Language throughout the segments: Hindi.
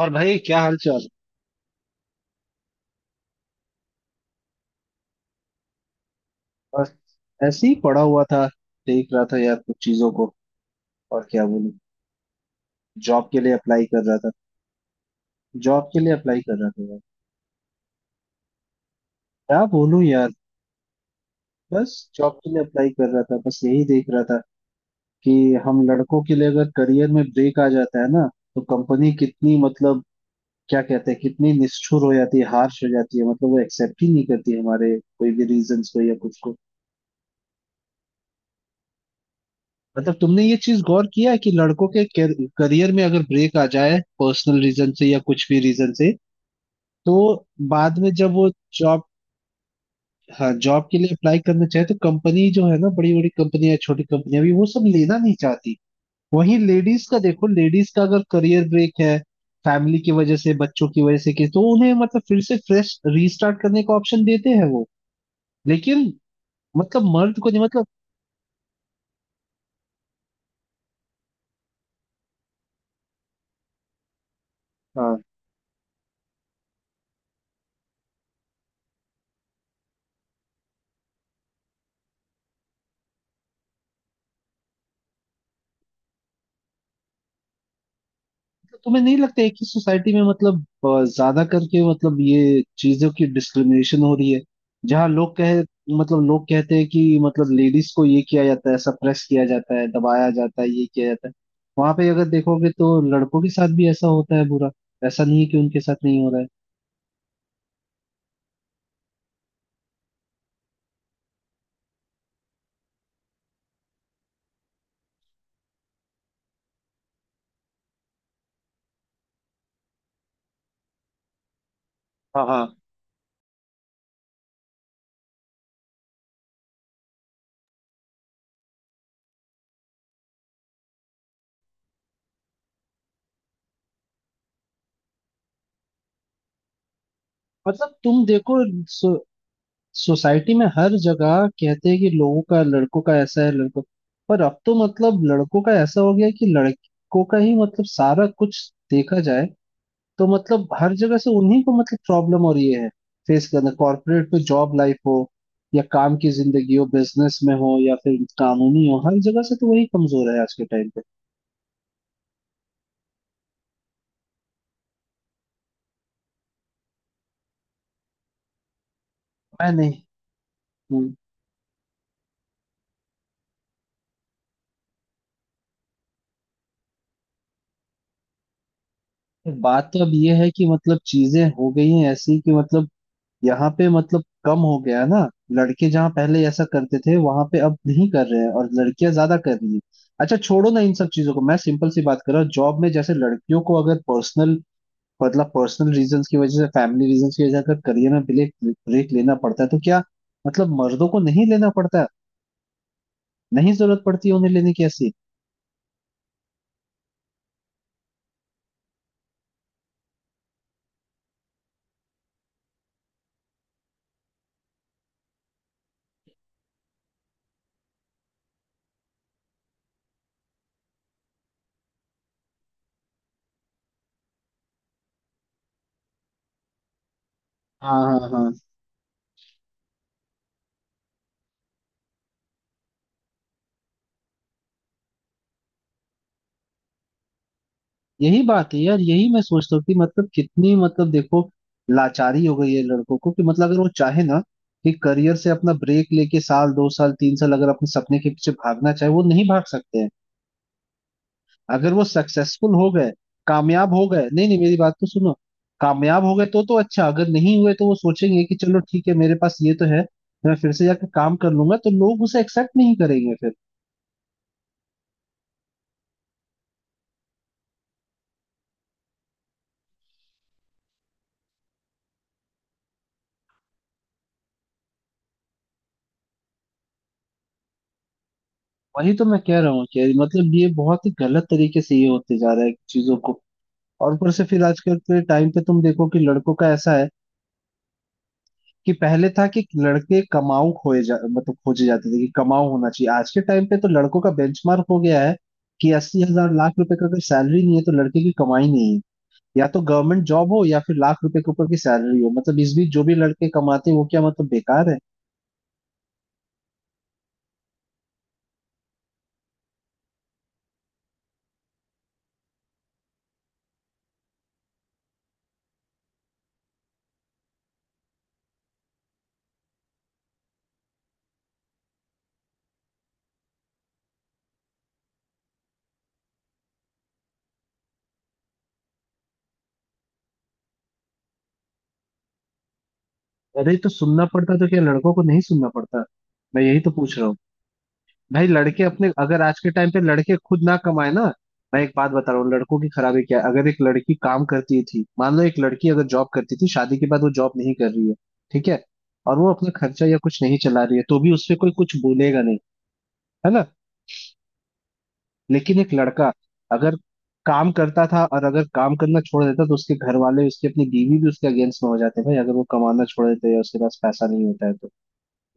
और भाई क्या हाल चाल। बस ऐसे ही पड़ा हुआ था। देख रहा था यार कुछ चीजों को। और क्या बोलूं। जॉब के लिए अप्लाई कर रहा था। जॉब के लिए अप्लाई कर रहा था यार। क्या बोलूं यार। बस जॉब के लिए अप्लाई कर रहा था, बस यही देख रहा था कि हम लड़कों के लिए अगर करियर में ब्रेक आ जाता है ना, तो कंपनी कितनी मतलब क्या कहते हैं, कितनी निष्ठुर हो जाती है, हार्श हो जाती है। मतलब वो एक्सेप्ट ही नहीं करती हमारे कोई भी रीजंस को या कुछ को। मतलब तुमने ये चीज गौर किया है कि लड़कों के करियर में अगर ब्रेक आ जाए पर्सनल रीजन से या कुछ भी रीजन से, तो बाद में जब वो जॉब, हाँ जॉब के लिए अप्लाई करना चाहे, तो कंपनी जो है ना, बड़ी बड़ी कंपनियां, छोटी कंपनियां भी वो सब लेना नहीं चाहती। वहीं लेडीज का देखो, लेडीज का अगर करियर ब्रेक है फैमिली की वजह से, बच्चों की वजह से कि, तो उन्हें मतलब फिर से फ्रेश रीस्टार्ट करने का ऑप्शन देते हैं वो। लेकिन मतलब मर्द को नहीं मतलब। हाँ, तो तुम्हें नहीं लगता है कि सोसाइटी में मतलब ज्यादा करके मतलब ये चीजों की डिस्क्रिमिनेशन हो रही है, जहाँ लोग कहे मतलब लोग कहते हैं कि मतलब लेडीज को ये किया जाता है, सप्रेस किया जाता है, दबाया जाता है, ये किया जाता है। वहां पे अगर देखोगे तो लड़कों के साथ भी ऐसा होता है बुरा। ऐसा नहीं है कि उनके साथ नहीं हो रहा है। हाँ हाँ। मतलब तुम देखो, सोसाइटी में हर जगह कहते हैं कि लोगों का लड़कों का ऐसा है, लड़कों। पर अब तो मतलब लड़कों का ऐसा हो गया कि लड़कों का ही मतलब सारा कुछ देखा जाए, तो मतलब हर जगह से उन्हीं को मतलब प्रॉब्लम हो रही है फेस करना। कॉर्पोरेट में जॉब लाइफ हो या काम की जिंदगी हो, बिजनेस में हो या फिर कानूनी हो, हर जगह से तो वही कमजोर है आज के टाइम पे। मैं नहीं। हम्म, बात तो अब ये है कि मतलब चीजें हो गई हैं ऐसी कि मतलब यहाँ पे मतलब कम हो गया ना। लड़के जहाँ पहले ऐसा करते थे वहां पे अब नहीं कर रहे हैं, और लड़कियां ज्यादा कर रही हैं। अच्छा छोड़ो ना इन सब चीजों को, मैं सिंपल सी बात कर रहा हूँ, जॉब में जैसे लड़कियों को अगर पर्सनल मतलब पर्सनल रीजंस की वजह से, फैमिली रीजंस की वजह से अगर करियर में ब्रेक ब्रेक लेना पड़ता है, तो क्या मतलब मर्दों को नहीं लेना पड़ता? नहीं जरूरत पड़ती है उन्हें लेने की ऐसी? हाँ हाँ हाँ। यही बात है यार, यही मैं सोचता हूँ कि मतलब कितनी मतलब देखो लाचारी हो गई है लड़कों को कि मतलब अगर वो चाहे ना कि करियर से अपना ब्रेक लेके साल, दो साल, तीन साल अगर अपने सपने के पीछे भागना चाहे, वो नहीं भाग सकते हैं। अगर वो सक्सेसफुल हो गए, कामयाब हो गए, नहीं नहीं मेरी बात तो सुनो। कामयाब हो गए तो अच्छा, अगर नहीं हुए तो वो सोचेंगे कि चलो ठीक है, मेरे पास ये तो है, मैं फिर से जाकर काम कर लूंगा, तो लोग उसे एक्सेप्ट नहीं करेंगे फिर। वही तो मैं कह रहा हूँ कि मतलब ये बहुत ही गलत तरीके से ये होते जा रहा है चीजों को। और ऊपर से फिर आजकल के टाइम पे तुम देखो कि लड़कों का ऐसा है कि पहले था कि लड़के कमाऊ खोए जा मतलब खोजे जाते थे कि कमाऊ होना चाहिए। आज के टाइम पे तो लड़कों का बेंचमार्क हो गया है कि अस्सी हजार, लाख रुपए का अगर सैलरी नहीं है तो लड़के की कमाई नहीं है। या तो गवर्नमेंट जॉब हो या फिर लाख रुपए के ऊपर की सैलरी हो, मतलब इस बीच जो भी लड़के कमाते हैं वो क्या मतलब बेकार है? अरे तो सुनना पड़ता, तो क्या लड़कों को नहीं सुनना पड़ता? मैं यही तो पूछ रहा हूँ। भाई लड़के अपने अगर आज के टाइम पे लड़के खुद ना कमाए ना, मैं एक बात बता रहा हूँ, लड़कों की खराबी क्या है? अगर एक लड़की काम करती थी, मान लो एक लड़की अगर जॉब करती थी, शादी के बाद वो जॉब नहीं कर रही है, ठीक है, और वो अपना खर्चा या कुछ नहीं चला रही है, तो भी उस पे कोई कुछ बोलेगा नहीं, है ना? लेकिन एक लड़का अगर काम करता था और अगर काम करना छोड़ देता, तो उसके घर वाले, उसकी अपनी बीवी भी उसके अगेंस्ट में हो जाते हैं भाई, अगर वो कमाना छोड़ देते या उसके पास पैसा नहीं होता है तो।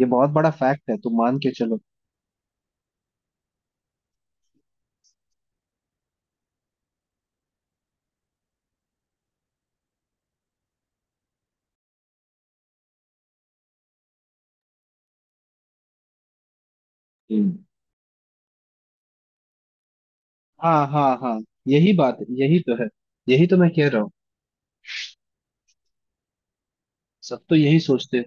ये बहुत बड़ा फैक्ट है, तो मान के चलो। हाँ हाँ हाँ। यही बात, यही तो है, यही तो मैं कह रहा हूँ। सब तो यही सोचते हैं।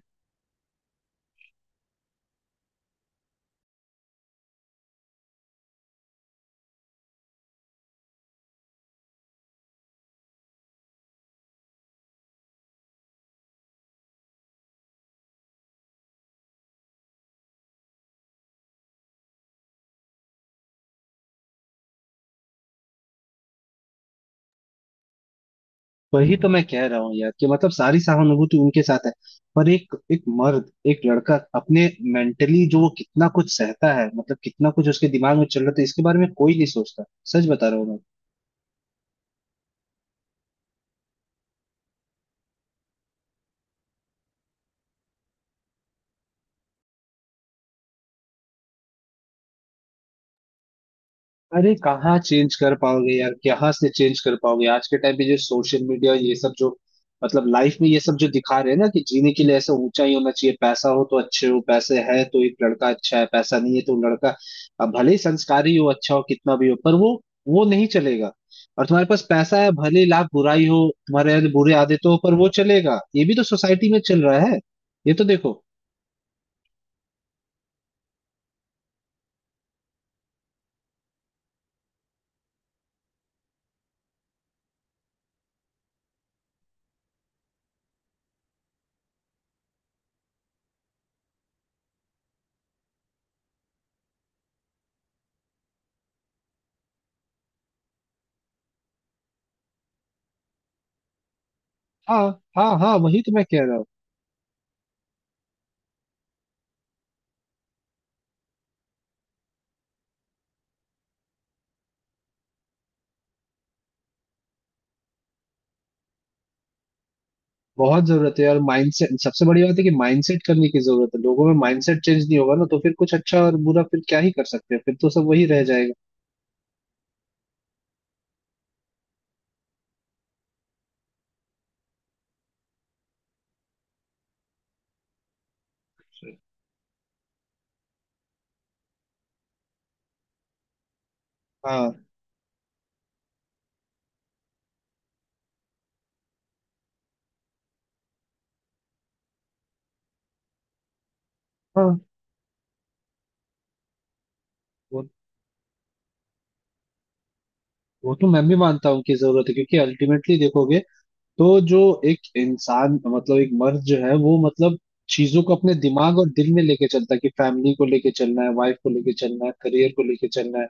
वही तो मैं कह रहा हूँ यार कि मतलब सारी सहानुभूति उनके साथ है, पर एक एक मर्द, एक लड़का अपने मेंटली जो वो कितना कुछ सहता है, मतलब कितना कुछ उसके दिमाग में चल रहा था, इसके बारे में कोई नहीं सोचता। सच बता रहा हूँ मैं। अरे कहाँ चेंज कर पाओगे यार, कहाँ से चेंज कर पाओगे आज के टाइम पे? जो सोशल मीडिया और ये सब जो मतलब लाइफ में ये सब जो दिखा रहे हैं ना कि जीने के लिए ऐसा ऊंचा ही होना चाहिए, पैसा हो तो अच्छे हो, पैसे है तो एक लड़का अच्छा है, पैसा नहीं है तो लड़का अब भले ही संस्कारी हो, अच्छा हो, कितना भी हो, पर वो नहीं चलेगा। और तुम्हारे पास पैसा है भले ही लाख बुराई हो, तुम्हारे अंदर बुरे आदतों हो, पर वो चलेगा, ये भी तो सोसाइटी में चल रहा है। ये तो देखो। हाँ हाँ हाँ। वही तो मैं कह रहा हूँ, बहुत जरूरत है, और माइंडसेट सबसे बड़ी बात है कि माइंडसेट करने की जरूरत है, लोगों में माइंडसेट चेंज नहीं होगा ना, तो फिर कुछ अच्छा और बुरा फिर क्या ही कर सकते हैं, फिर तो सब वही रह जाएगा। हाँ। हाँ। वो वो तो मैं भी मानता हूँ कि जरूरत है, क्योंकि अल्टीमेटली देखोगे तो जो एक इंसान मतलब एक मर्द जो है वो मतलब चीजों को अपने दिमाग और दिल में लेके चलता है, कि फैमिली को लेके चलना है, वाइफ को लेके चलना है, करियर को लेके चलना है,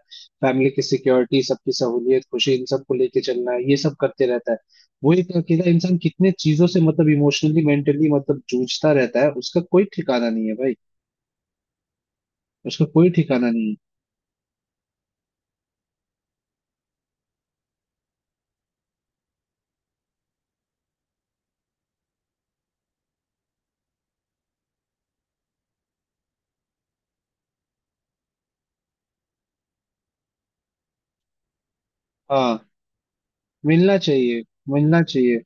फैमिली की सिक्योरिटी, सबकी सहूलियत, खुशी, इन सब को लेके चलना है, ये सब करते रहता है। वो एक अकेला इंसान कितने चीजों से मतलब इमोशनली, मेंटली मतलब जूझता रहता है, उसका कोई ठिकाना नहीं है भाई, उसका कोई ठिकाना नहीं है। हाँ, मिलना चाहिए। मिलना चाहिए।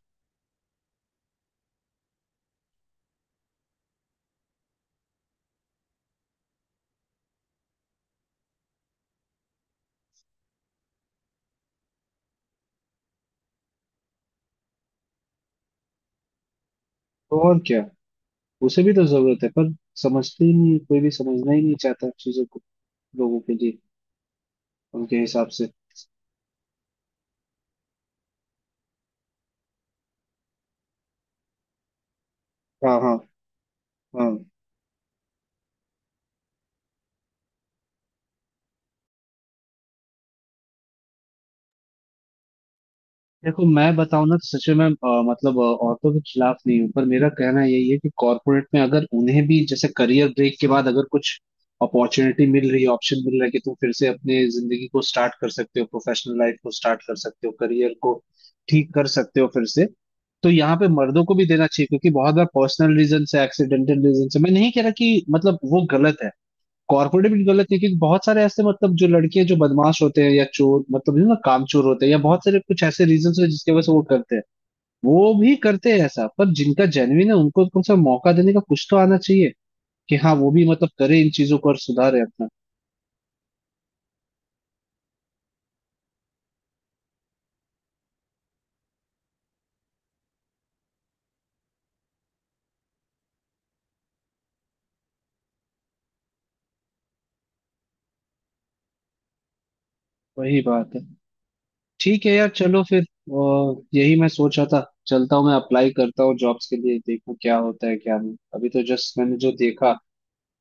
तो और क्या, उसे भी तो जरूरत है, पर समझते ही नहीं, कोई भी समझना ही नहीं चाहता चीजों को, लोगों के लिए उनके हिसाब से। हाँ हाँ हाँ। देखो मैं बताऊं ना, तो सच में मैं मतलब औरतों के खिलाफ नहीं हूँ, पर मेरा कहना यही है कि कॉर्पोरेट में अगर उन्हें भी जैसे करियर ब्रेक के बाद अगर कुछ अपॉर्चुनिटी मिल रही है, ऑप्शन मिल रहा है कि तुम फिर से अपने जिंदगी को स्टार्ट कर सकते हो, प्रोफेशनल लाइफ को स्टार्ट कर सकते हो, करियर को ठीक कर सकते हो फिर से, तो यहाँ पे मर्दों को भी देना चाहिए, क्योंकि बहुत बार पर्सनल रीजन से, एक्सीडेंटल रीजन से। मैं नहीं कह रहा कि मतलब वो गलत है, कॉर्पोरेट भी गलत है, क्योंकि बहुत सारे ऐसे मतलब जो लड़के जो बदमाश होते हैं या चोर मतलब ना, कामचोर होते हैं, या बहुत सारे कुछ ऐसे रीजन होते हैं जिसकी वजह से वो करते हैं, वो भी करते हैं ऐसा। पर जिनका जेन्युइन है उनको कम से कम मौका देने का कुछ तो आना चाहिए कि हाँ वो भी मतलब करे इन चीजों को और सुधारे अपना। वही बात है। ठीक है यार, चलो फिर। यही मैं सोच रहा था, चलता हूँ, मैं अप्लाई करता हूँ जॉब्स के लिए, देखूँ क्या होता है क्या नहीं। अभी तो जस्ट मैंने जो देखा,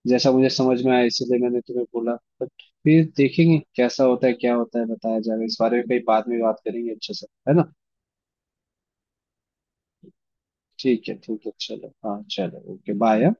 जैसा मुझे समझ में आया, इसीलिए मैंने तुम्हें बोला। बट फिर देखेंगे कैसा होता है क्या होता है, बताया जाएगा इस बारे में, कहीं बाद में बात करेंगे अच्छे से, है ना? ठीक है ठीक है, चलो हाँ चलो, ओके बाय।